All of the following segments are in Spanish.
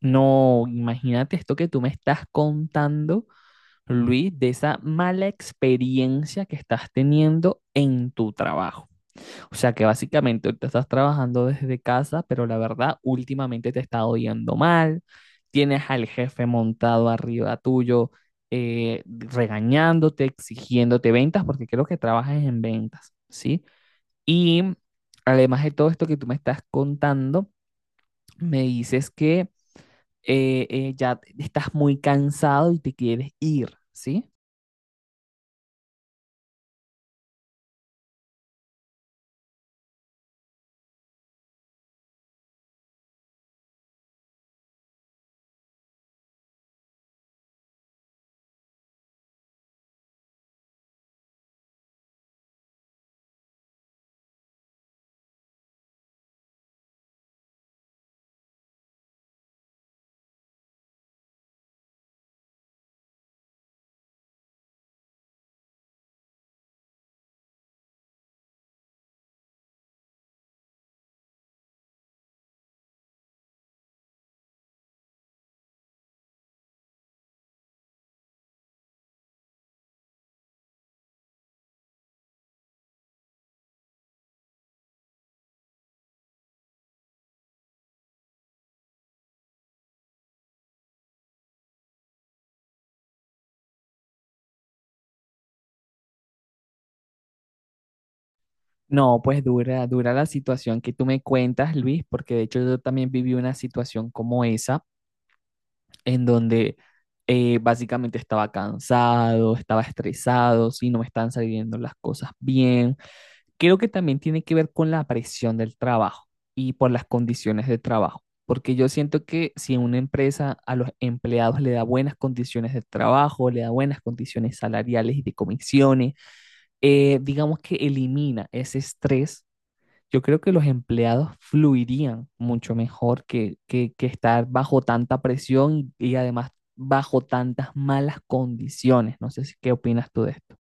No, imagínate esto que tú me estás contando, Luis, de esa mala experiencia que estás teniendo en tu trabajo. O sea que básicamente ahorita estás trabajando desde casa, pero la verdad, últimamente te está yendo mal, tienes al jefe montado arriba tuyo, regañándote, exigiéndote ventas, porque creo que trabajas en ventas, ¿sí? Y además de todo esto que tú me estás contando, me dices que ya estás muy cansado y te quieres ir, ¿sí? No, pues dura la situación que tú me cuentas, Luis, porque de hecho yo también viví una situación como esa, en donde básicamente estaba cansado, estaba estresado, sí, no me están saliendo las cosas bien. Creo que también tiene que ver con la presión del trabajo y por las condiciones de trabajo, porque yo siento que si una empresa a los empleados le da buenas condiciones de trabajo, le da buenas condiciones salariales y de comisiones, digamos que elimina ese estrés, yo creo que los empleados fluirían mucho mejor que estar bajo tanta presión y además bajo tantas malas condiciones. No sé si qué opinas tú de esto.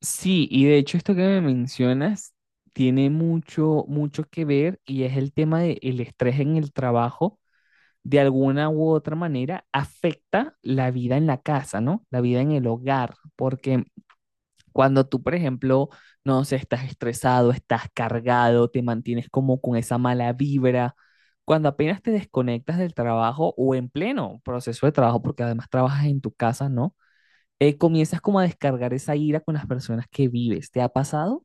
Sí, y de hecho esto que me mencionas tiene mucho que ver, y es el tema del estrés en el trabajo, de alguna u otra manera afecta la vida en la casa, ¿no? La vida en el hogar, porque cuando tú, por ejemplo, no sé, estás estresado, estás cargado, te mantienes como con esa mala vibra, cuando apenas te desconectas del trabajo o en pleno proceso de trabajo, porque además trabajas en tu casa, ¿no? Comienzas como a descargar esa ira con las personas que vives. ¿Te ha pasado?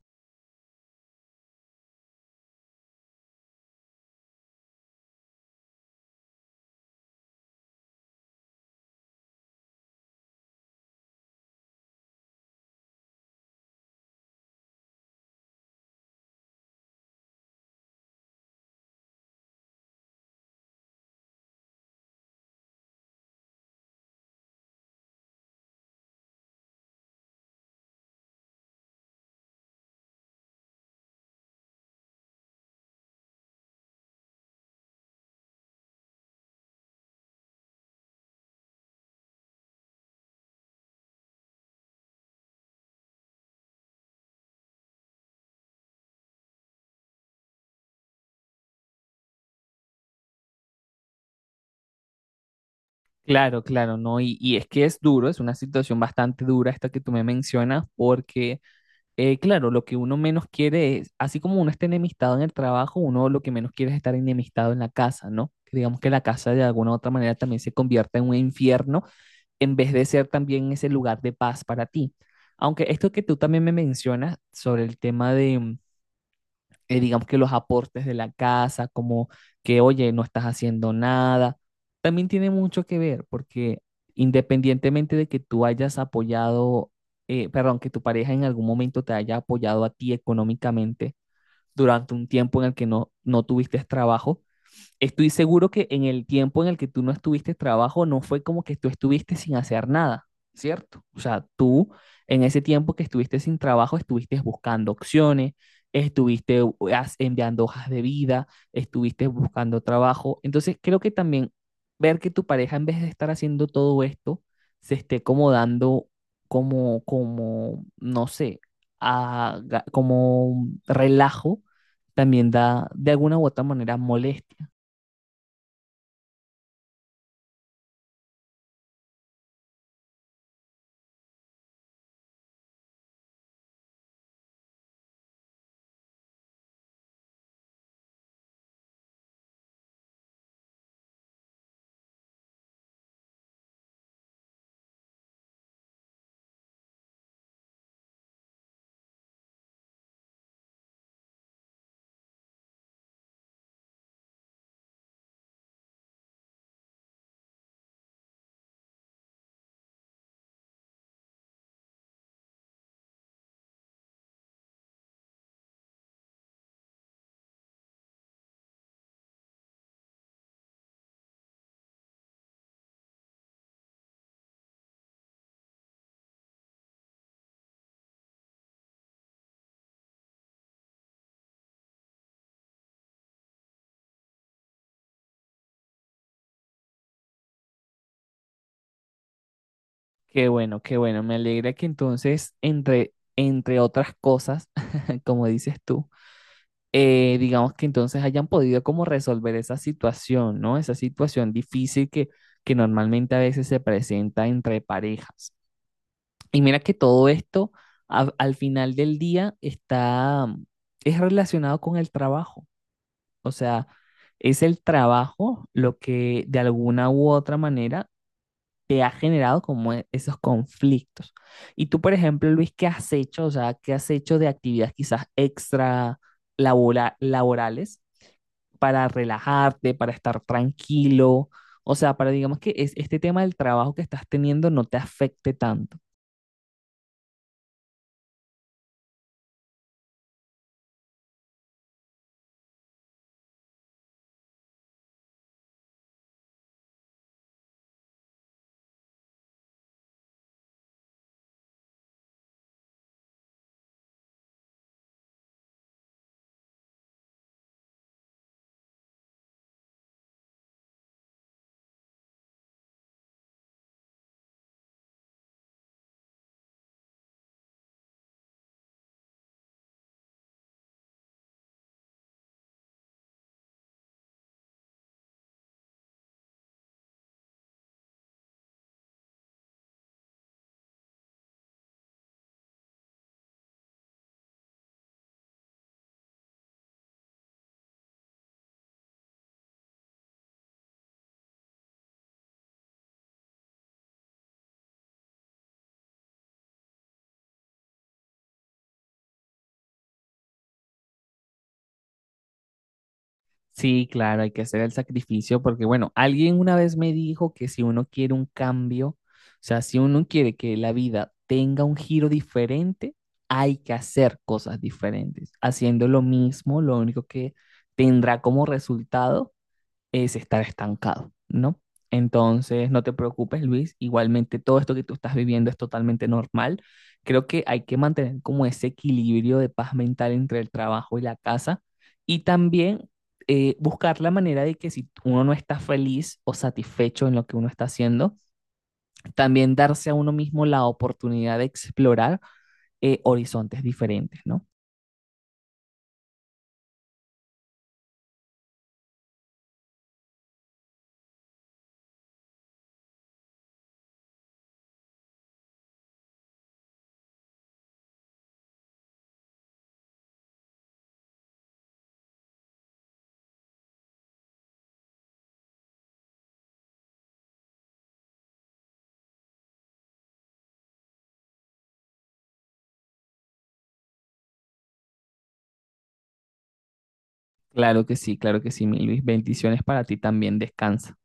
Claro, claro, no. Y es que es duro, es una situación bastante dura esta que tú me mencionas, porque claro, lo que uno menos quiere es, así como uno está enemistado en el trabajo, uno lo que menos quiere es estar enemistado en la casa, ¿no? Que digamos que la casa de alguna u otra manera también se convierta en un infierno en vez de ser también ese lugar de paz para ti. Aunque esto que tú también me mencionas sobre el tema de digamos que los aportes de la casa, como que, oye, no estás haciendo nada, también tiene mucho que ver, porque independientemente de que tú hayas apoyado, perdón, que tu pareja en algún momento te haya apoyado a ti económicamente durante un tiempo en el que no tuviste trabajo. Estoy seguro que en el tiempo en el que tú no estuviste trabajo, no fue como que tú estuviste sin hacer nada, ¿cierto? O sea, tú en ese tiempo que estuviste sin trabajo, estuviste buscando opciones, estuviste enviando hojas de vida, estuviste buscando trabajo. Entonces, creo que también ver que tu pareja, en vez de estar haciendo todo esto, se esté como dando, no sé, como relajo, también da de alguna u otra manera molestia. Qué bueno, qué bueno. Me alegra que entonces, entre otras cosas, como dices tú, digamos que entonces hayan podido como resolver esa situación, ¿no? Esa situación difícil que normalmente a veces se presenta entre parejas. Y mira que todo esto al final del día está, es relacionado con el trabajo. O sea, es el trabajo lo que de alguna u otra manera te ha generado como esos conflictos. Y tú, por ejemplo, Luis, ¿qué has hecho? O sea, ¿qué has hecho de actividades quizás extra laborales para relajarte, para estar tranquilo? O sea, para digamos que este tema del trabajo que estás teniendo no te afecte tanto. Sí, claro, hay que hacer el sacrificio porque, bueno, alguien una vez me dijo que si uno quiere un cambio, o sea, si uno quiere que la vida tenga un giro diferente, hay que hacer cosas diferentes. Haciendo lo mismo, lo único que tendrá como resultado es estar estancado, ¿no? Entonces, no te preocupes, Luis. Igualmente, todo esto que tú estás viviendo es totalmente normal. Creo que hay que mantener como ese equilibrio de paz mental entre el trabajo y la casa y también buscar la manera de que si uno no está feliz o satisfecho en lo que uno está haciendo, también darse a uno mismo la oportunidad de explorar horizontes diferentes, ¿no? Claro que sí, mi Luis. Bendiciones para ti también. Descansa.